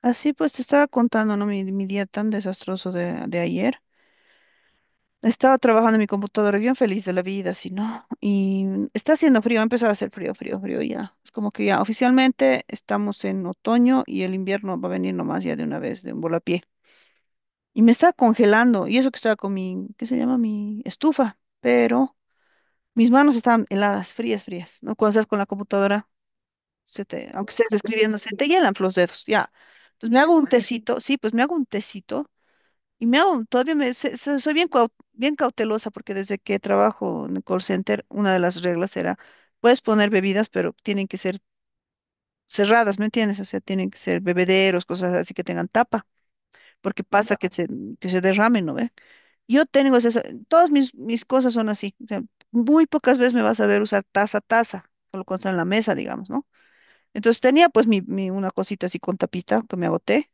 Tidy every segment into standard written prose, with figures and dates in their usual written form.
Así pues te estaba contando, ¿no? Mi día tan desastroso de ayer. Estaba trabajando en mi computadora bien feliz de la vida, así, ¿no? Y está haciendo frío, ha empezado a hacer frío, frío, frío ya. Es como que ya oficialmente estamos en otoño y el invierno va a venir nomás ya de una vez, de un volapié. Y me estaba congelando, y eso que estaba con mi, ¿qué se llama? Mi estufa, pero mis manos estaban heladas, frías, frías, ¿no? Cuando estás con la computadora, se te, aunque estés escribiendo, se te hielan los dedos, ya. Entonces me hago un tecito, sí, pues me hago un tecito. Todavía me, soy bien, bien cautelosa porque desde que trabajo en el call center, una de las reglas era, puedes poner bebidas, pero tienen que ser cerradas, ¿me entiendes? O sea, tienen que ser bebederos, cosas así que tengan tapa, porque pasa, ya, que se derramen, ¿no ve? Yo tengo esas, todas mis cosas son así, o sea, muy pocas veces me vas a ver usar taza, taza, solo cuando está en la mesa, digamos, ¿no? Entonces tenía pues una cosita así con tapita que me agoté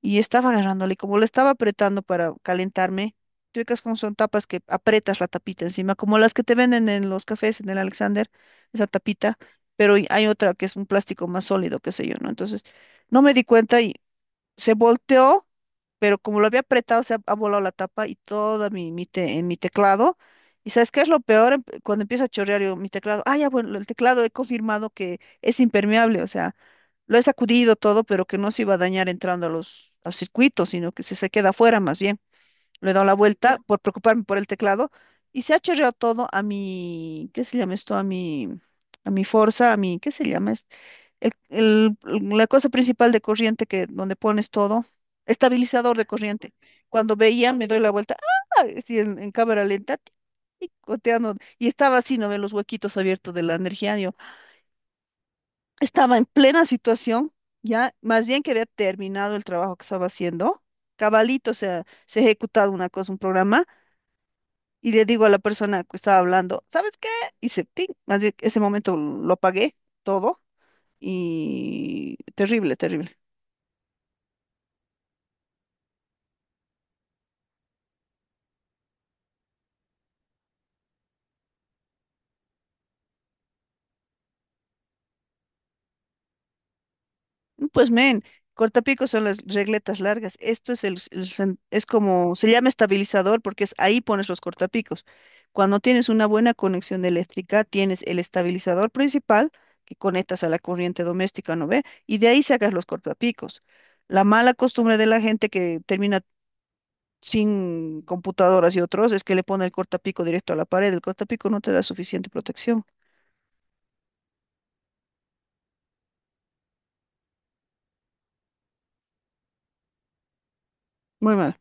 y estaba agarrándole, y como le estaba apretando para calentarme, tú ubicas como son tapas que apretas la tapita encima, como las que te venden en los cafés, en el Alexander, esa tapita, pero y hay otra que es un plástico más sólido, qué sé yo, ¿no? Entonces, no me di cuenta y se volteó pero como lo había apretado, ha volado la tapa y toda mi, en mi teclado. ¿Y sabes qué es lo peor? Cuando empieza a chorrear yo, mi teclado, ah, ya, bueno, el teclado he confirmado que es impermeable, o sea, lo he sacudido todo, pero que no se iba a dañar entrando a los, al circuito, sino que se queda afuera más bien. Le he dado la vuelta por preocuparme por el teclado y se ha chorreado todo a mi, ¿qué se llama esto? A mi Forza, a mi, ¿qué se llama? el- el- la cosa principal de corriente que donde pones todo, estabilizador de corriente. Cuando veía, me doy la vuelta, ¡ah! Así en cámara lenta, tic, tic, goteando, y estaba así, no ve los huequitos abiertos de la energía. Yo estaba en plena situación, ya más bien que había terminado el trabajo que estaba haciendo. Cabalito, o sea, se ha ejecutado una cosa, un programa, y le digo a la persona que estaba hablando, ¿sabes qué? Y se, ¡ting! Más bien, ese momento lo apagué todo, y terrible, terrible. Pues men, cortapicos son las regletas largas. Esto es el, s- el sen- es como, se llama estabilizador porque es ahí pones los cortapicos. Cuando tienes una buena conexión eléctrica, tienes el estabilizador principal que conectas a la corriente doméstica, ¿no ve? Y de ahí sacas los cortapicos. La mala costumbre de la gente que termina sin computadoras y otros es que le pone el cortapico directo a la pared. El cortapico no te da suficiente protección. Muy mal.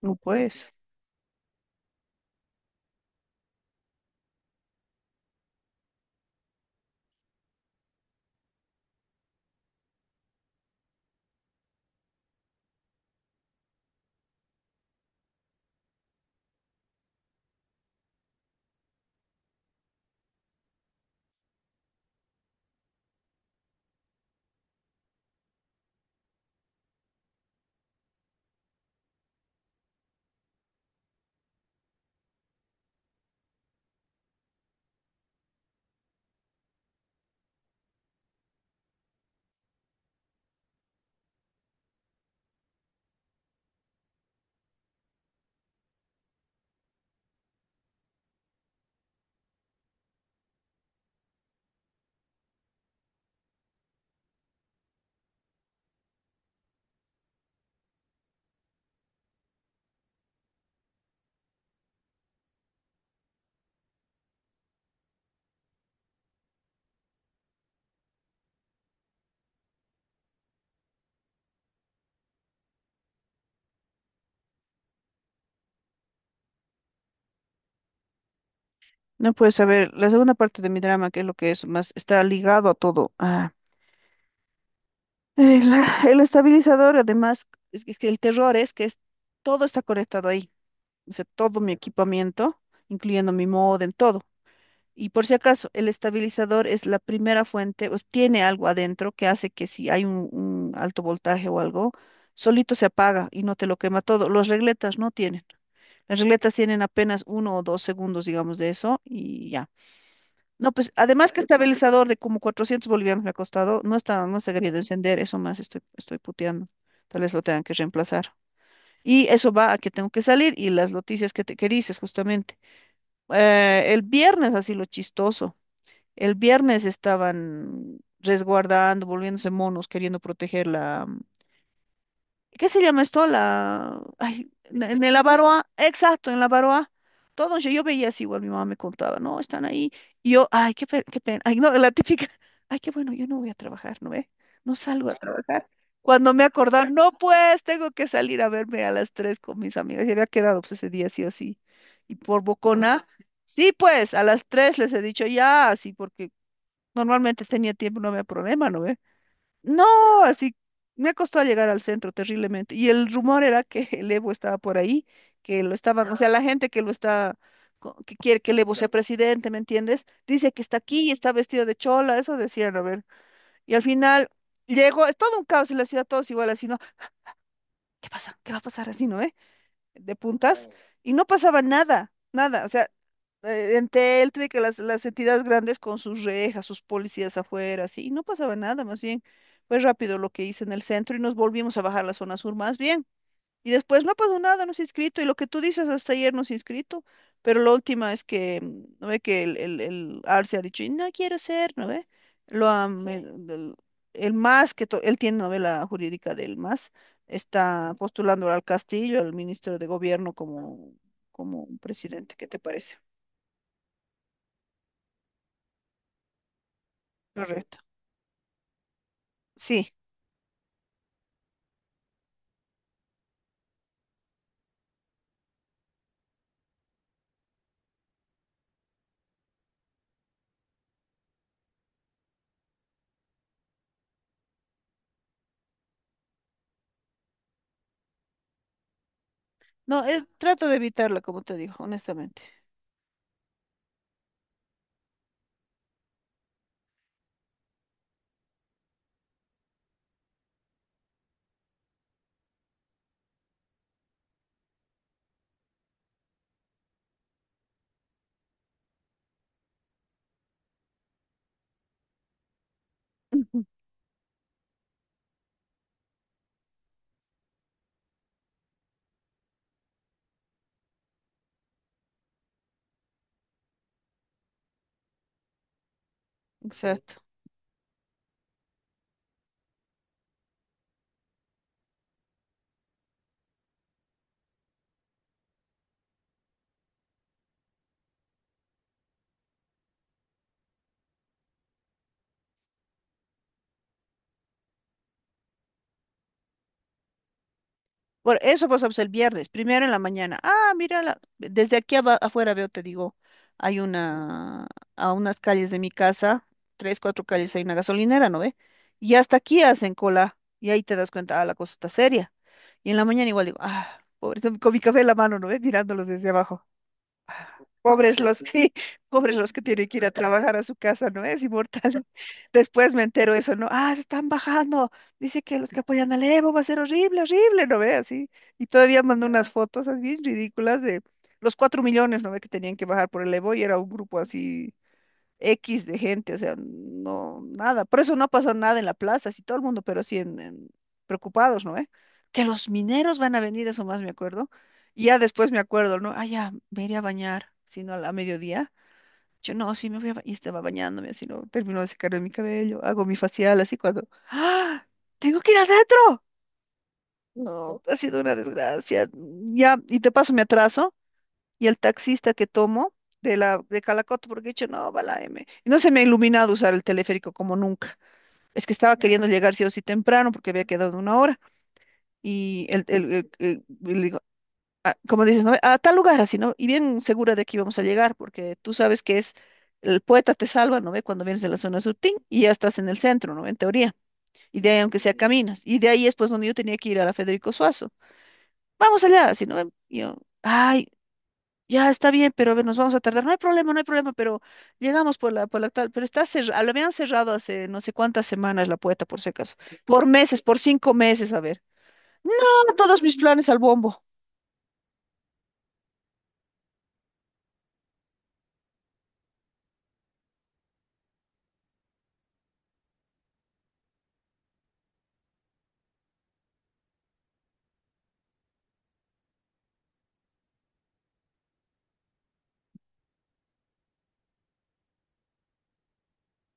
No pues. No puedes saber, la segunda parte de mi drama, que es lo que es más, está ligado a todo. Ah, el, el estabilizador, además, es que el terror es que es, todo está conectado ahí. O sea, todo mi equipamiento, incluyendo mi módem, todo. Y por si acaso, el estabilizador es la primera fuente, tiene algo adentro que hace que si hay un alto voltaje o algo, solito se apaga y no te lo quema todo. Los regletas no tienen. Las regletas tienen apenas 1 o 2 segundos, digamos, de eso y ya. No, pues además que estabilizador de como 400 bolivianos me ha costado, no está queriendo encender, eso más estoy puteando. Tal vez lo tengan que reemplazar. Y eso va a que tengo que salir y las noticias que, te, que dices justamente. El viernes, así lo chistoso, el viernes estaban resguardando, volviéndose monos, queriendo proteger la, ¿qué se llama esto? La, ay, en el Avaroa, exacto, en la Avaroa. Todo, yo veía así, igual mi mamá me contaba, no, están ahí. Y yo, ay, qué, qué pena. Ay, no, la típica, ay, qué bueno, yo no voy a trabajar, ¿no ve? No salgo a trabajar. Cuando me acordaba, no, pues, tengo que salir a verme a las 3 con mis amigas. Y había quedado, pues, ese día sí o sí. Y por bocona, sí, pues, a las 3 les he dicho ya, así, porque normalmente tenía tiempo, no había problema, ¿no ve? No, así me ha costado llegar al centro terriblemente. Y el rumor era que el Evo estaba por ahí, que lo estaban, o sea, la gente que lo está, que quiere que el Evo sea presidente, ¿me entiendes? Dice que está aquí y está vestido de chola, eso decían, a ver. Y al final llegó, es todo un caos en la ciudad, todos igual así, ¿no? ¿Qué pasa? ¿Qué va a pasar así, no? ¿Eh? De puntas y no pasaba nada, nada. O sea, Entel, tuve que las entidades grandes con sus rejas, sus policías afuera, así, y no pasaba nada, más bien fue rápido lo que hice en el centro y nos volvimos a bajar a la zona sur, más bien. Y después no ha pasado nada, no se ha inscrito. Y lo que tú dices hasta ayer no se ha inscrito. Pero la última es que, ¿no ve? Que el Arce ha dicho, no quiero ser, ¿no ve? Lo han, sí, el MAS, que él tiene novela jurídica del MAS, está postulando al Castillo, al ministro de Gobierno, como, como un presidente. ¿Qué te parece? Correcto. Sí. No, es, trato de evitarla, como te digo, honestamente. Sí. Exacto. Por eso pasamos el viernes, primero en la mañana. Ah, mira, desde aquí afuera veo, te digo, hay una, a unas calles de mi casa, 3, 4 calles hay una gasolinera, ¿no ve? Y hasta aquí hacen cola, y ahí te das cuenta, ah, la cosa está seria. Y en la mañana igual digo, ah, pobre, con mi café en la mano, ¿no ve? Mirándolos desde abajo. Pobres los que, pobres los que tienen que ir a trabajar a su casa, ¿no? Es inmortal. Después me entero eso, ¿no? Ah, se están bajando. Dice que los que apoyan al Evo va a ser horrible, horrible, ¿no ve? Así. Y todavía mandó unas fotos así ridículas de los 4 millones, ¿no ve? Que tenían que bajar por el Evo y era un grupo así X de gente, o sea, no, nada. Por eso no pasó nada en la plaza, así todo el mundo, pero sí preocupados, ¿no? ¿Eh? Que los mineros van a venir, eso más me acuerdo. Y ya después me acuerdo, ¿no? Ah, ya, me iré a bañar, sino a, a mediodía. Yo, no, sí, me voy a bañar. Y estaba bañándome, así, ¿no? Termino de secarme mi cabello, hago mi facial, así cuando, ¡ah! ¡Tengo que ir adentro! No, ha sido una desgracia. Ya, y te paso mi atraso y el taxista que tomo de la de Calacoto, porque he dicho, no, va la M. Y no se me ha iluminado usar el teleférico como nunca. Es que estaba queriendo llegar sí o sí temprano porque había quedado una hora. Y le digo, como dices, ¿no? A tal lugar así, ¿no? Y bien segura de que íbamos a llegar, porque tú sabes que es el poeta te salva, ¿no ve? Cuando vienes de la zona sur, ¡ting! Y ya estás en el centro, ¿no? En teoría. Y de ahí, aunque sea, sí, caminas. Y de ahí es pues donde yo tenía que ir a la Federico Suazo. Vamos allá, así, ¿no? Y yo, ay. Ya está bien, pero a ver, nos vamos a tardar. No hay problema, no hay problema, pero llegamos por la tal. Pero está cerrado, lo habían cerrado hace no sé cuántas semanas la puerta, por si acaso. Por meses, por 5 meses, a ver. No, todos mis planes al bombo.